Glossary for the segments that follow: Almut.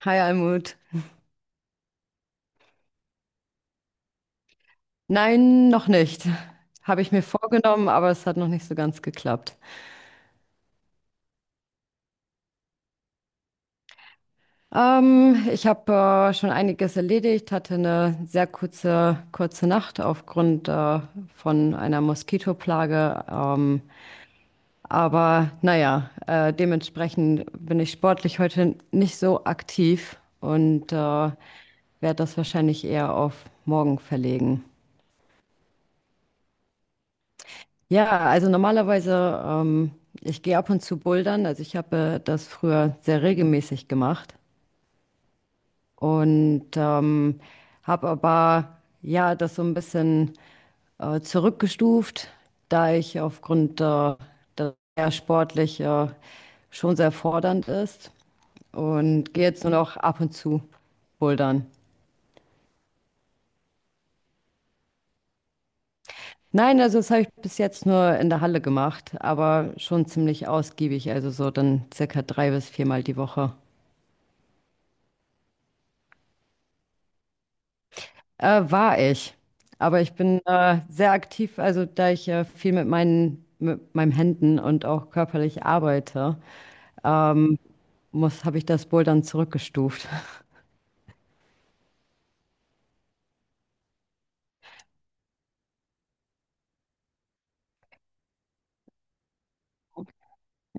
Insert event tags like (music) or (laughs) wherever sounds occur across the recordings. Hi Almut. Nein, noch nicht. Habe ich mir vorgenommen, aber es hat noch nicht so ganz geklappt. Ich habe schon einiges erledigt, hatte eine sehr kurze, kurze Nacht aufgrund von einer Moskitoplage. Aber naja, dementsprechend bin ich sportlich heute nicht so aktiv und werde das wahrscheinlich eher auf morgen verlegen. Ja, also normalerweise, ich gehe ab und zu bouldern. Also ich habe das früher sehr regelmäßig gemacht und habe aber ja das so ein bisschen zurückgestuft, da ich aufgrund dass er sportlich schon sehr fordernd ist und gehe jetzt nur noch ab und zu bouldern. Nein, also das habe ich bis jetzt nur in der Halle gemacht, aber schon ziemlich ausgiebig, also so dann circa 3- bis 4-mal die Woche. War ich. Aber ich bin sehr aktiv, also da ich viel mit meinen Händen und auch körperlich arbeite, ähm, habe ich das Bouldern zurückgestuft.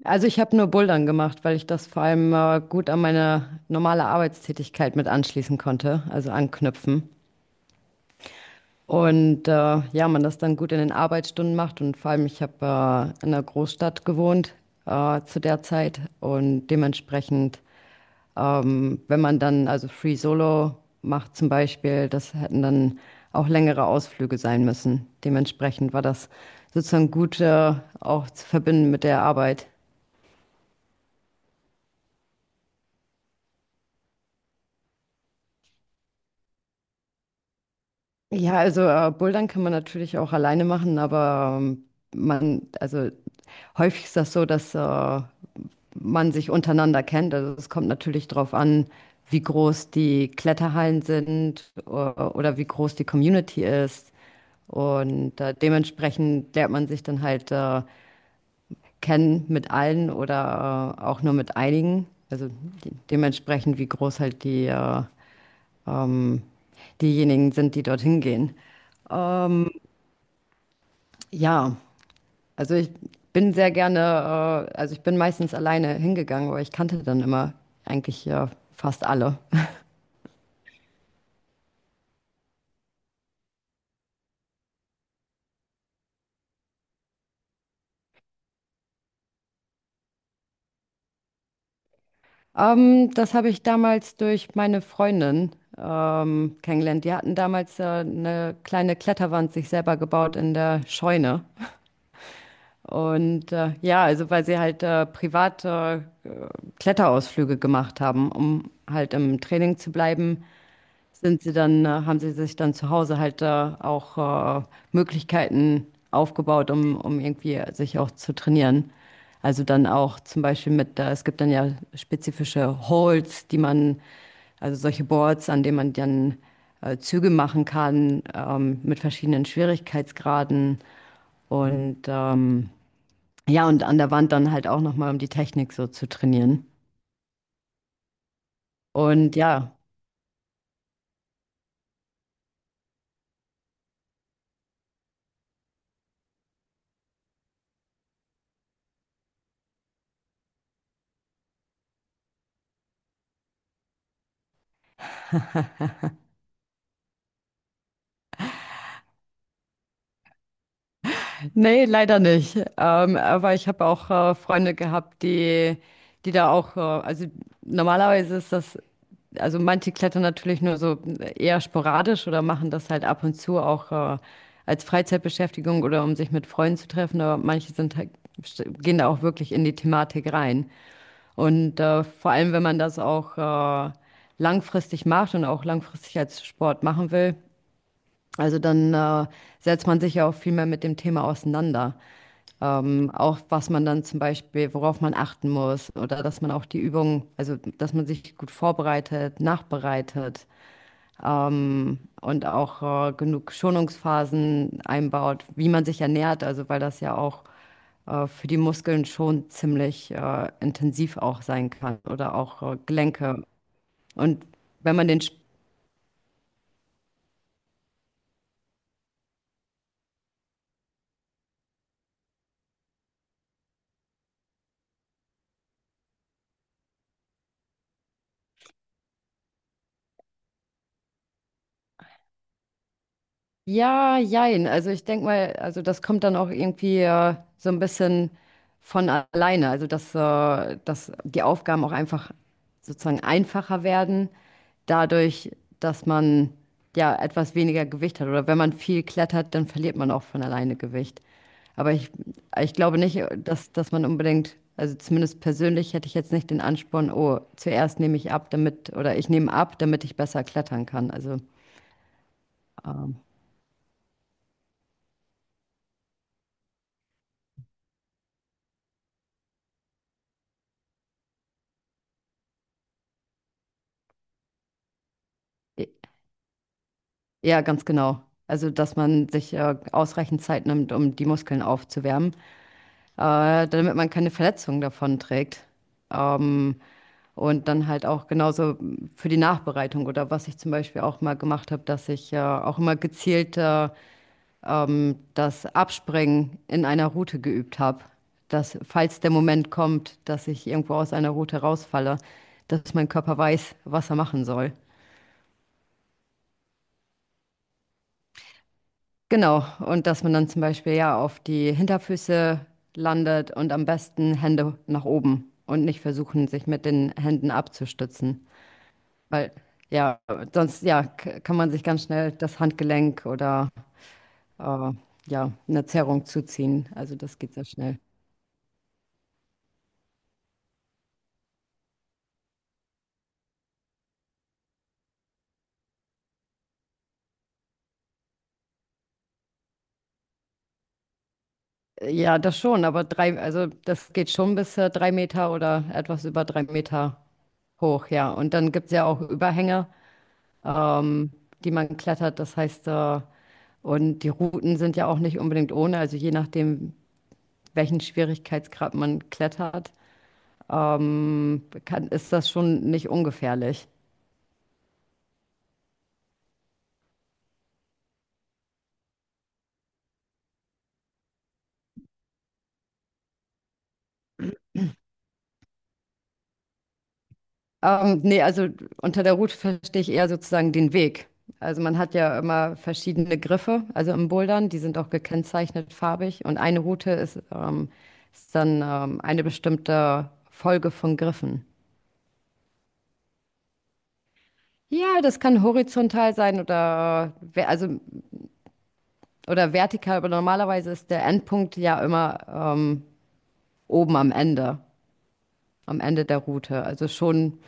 Also ich habe nur Bouldern gemacht, weil ich das vor allem gut an meine normale Arbeitstätigkeit mit anschließen konnte, also anknüpfen. Und ja, man das dann gut in den Arbeitsstunden macht und vor allem ich habe in einer Großstadt gewohnt zu der Zeit und dementsprechend. Wenn man dann also Free Solo macht zum Beispiel, das hätten dann auch längere Ausflüge sein müssen. Dementsprechend war das sozusagen gut, auch zu verbinden mit der Arbeit. Ja, also Bouldern kann man natürlich auch alleine machen, aber man, also häufig ist das so, dass man sich untereinander kennt. Also es kommt natürlich darauf an, wie groß die Kletterhallen sind oder wie groß die Community ist. Und dementsprechend lernt man sich dann halt kennen mit allen oder auch nur mit einigen. Also dementsprechend, wie groß halt die, ähm, diejenigen sind, die dorthin gehen. Ja, also ich bin sehr gerne, also ich bin meistens alleine hingegangen, aber ich kannte dann immer eigentlich ja fast alle. Das habe ich damals durch meine Freundin kennengelernt. Die hatten damals eine kleine Kletterwand sich selber gebaut in der Scheune. Und ja, also weil sie halt private Kletterausflüge gemacht haben, um halt im Training zu bleiben, haben sie sich dann zu Hause halt auch Möglichkeiten aufgebaut, um irgendwie sich auch zu trainieren. Also dann auch zum Beispiel es gibt dann ja spezifische Holds, also solche Boards, an denen man dann Züge machen kann, mit verschiedenen Schwierigkeitsgraden und ja, und an der Wand dann halt auch nochmal, um die Technik so zu trainieren. Und ja. (laughs) Nee, leider nicht. Aber ich habe auch Freunde gehabt, die da auch, also normalerweise ist das, also manche klettern natürlich nur so eher sporadisch oder machen das halt ab und zu auch als Freizeitbeschäftigung oder um sich mit Freunden zu treffen, aber manche sind halt, gehen da auch wirklich in die Thematik rein. Und vor allem, wenn man das auch langfristig macht und auch langfristig als Sport machen will, also dann setzt man sich ja auch viel mehr mit dem Thema auseinander. Auch was man dann zum Beispiel, worauf man achten muss oder dass man auch die Übung, also dass man sich gut vorbereitet, nachbereitet, und auch genug Schonungsphasen einbaut, wie man sich ernährt, also weil das ja auch für die Muskeln schon ziemlich intensiv auch sein kann oder auch Gelenke. Und wenn man den Sp- Ja, jein. Also ich denke mal, also das kommt dann auch irgendwie so ein bisschen von alleine. Also dass die Aufgaben auch einfach sozusagen einfacher werden, dadurch, dass man ja etwas weniger Gewicht hat. Oder wenn man viel klettert, dann verliert man auch von alleine Gewicht. Aber ich glaube nicht, dass man unbedingt, also zumindest persönlich hätte ich jetzt nicht den Ansporn, oh, zuerst nehme ich ab, damit, oder ich nehme ab, damit ich besser klettern kann. Also ähm, ja, ganz genau. Also, dass man sich ausreichend Zeit nimmt, um die Muskeln aufzuwärmen, damit man keine Verletzungen davon trägt. Ähm, und dann halt auch genauso für die Nachbereitung oder was ich zum Beispiel auch mal gemacht habe, dass ich auch immer gezielt das Abspringen in einer Route geübt habe. Dass, falls der Moment kommt, dass ich irgendwo aus einer Route rausfalle, dass mein Körper weiß, was er machen soll. Genau, und dass man dann zum Beispiel ja auf die Hinterfüße landet und am besten Hände nach oben und nicht versuchen, sich mit den Händen abzustützen. Weil ja, sonst ja, kann man sich ganz schnell das Handgelenk oder äh, ja, eine Zerrung zuziehen. Also das geht sehr schnell. Ja, das schon, aber also das geht schon bis 3 Meter oder etwas über 3 Meter hoch, ja. Und dann gibt es ja auch Überhänge, ähm, die man klettert. Und die Routen sind ja auch nicht unbedingt ohne, also je nachdem, welchen Schwierigkeitsgrad man klettert, ist das schon nicht ungefährlich. Nee, also unter der Route verstehe ich eher sozusagen den Weg. Also man hat ja immer verschiedene Griffe, also im Bouldern, die sind auch gekennzeichnet farbig und eine Route ist dann eine bestimmte Folge von Griffen. Ja, das kann horizontal sein oder also oder vertikal, aber normalerweise ist der Endpunkt ja immer oben am Ende der Route. Also schon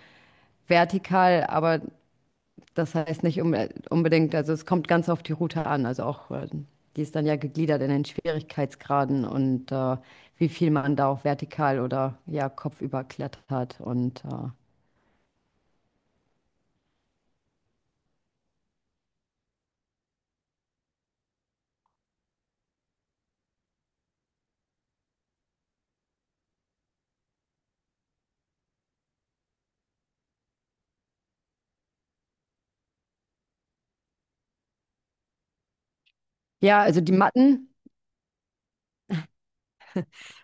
vertikal, aber das heißt nicht unbedingt, also es kommt ganz auf die Route an. Also auch, die ist dann ja gegliedert in den Schwierigkeitsgraden und wie viel man da auch vertikal oder ja kopfüber klettert. Und ja, also die Matten.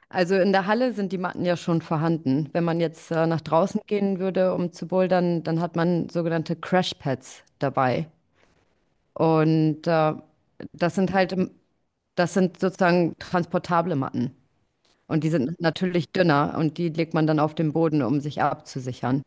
Also in der Halle sind die Matten ja schon vorhanden. Wenn man jetzt nach draußen gehen würde, um zu bouldern, dann hat man sogenannte Crashpads dabei. Und das sind halt, das sind sozusagen transportable Matten. Und die sind natürlich dünner und die legt man dann auf den Boden, um sich abzusichern.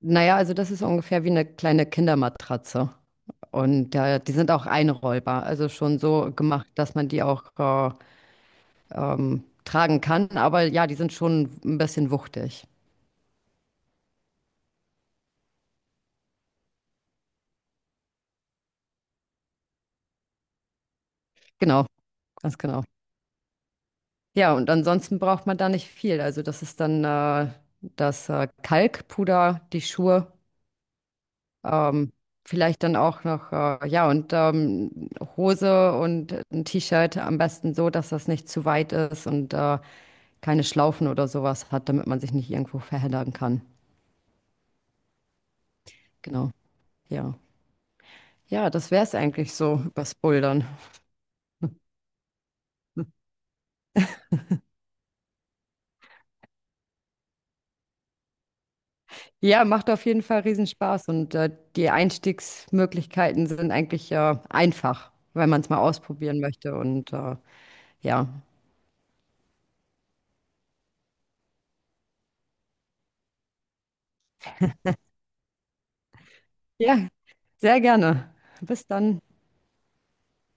Naja, also das ist ungefähr wie eine kleine Kindermatratze. Und die sind auch einrollbar, also schon so gemacht, dass man die auch tragen kann. Aber ja, die sind schon ein bisschen wuchtig. Genau, ganz genau. Ja, und ansonsten braucht man da nicht viel. Also das ist dann das Kalkpuder, die Schuhe, ähm, vielleicht dann auch noch, ja, und Hose und ein T-Shirt am besten so, dass das nicht zu weit ist und keine Schlaufen oder sowas hat, damit man sich nicht irgendwo verheddern kann. Genau, ja. Ja, das wäre es eigentlich so übers Bouldern. Ja, macht auf jeden Fall riesen Spaß und die Einstiegsmöglichkeiten sind eigentlich einfach, wenn man es mal ausprobieren möchte. Und ja, ja, sehr gerne. Bis dann.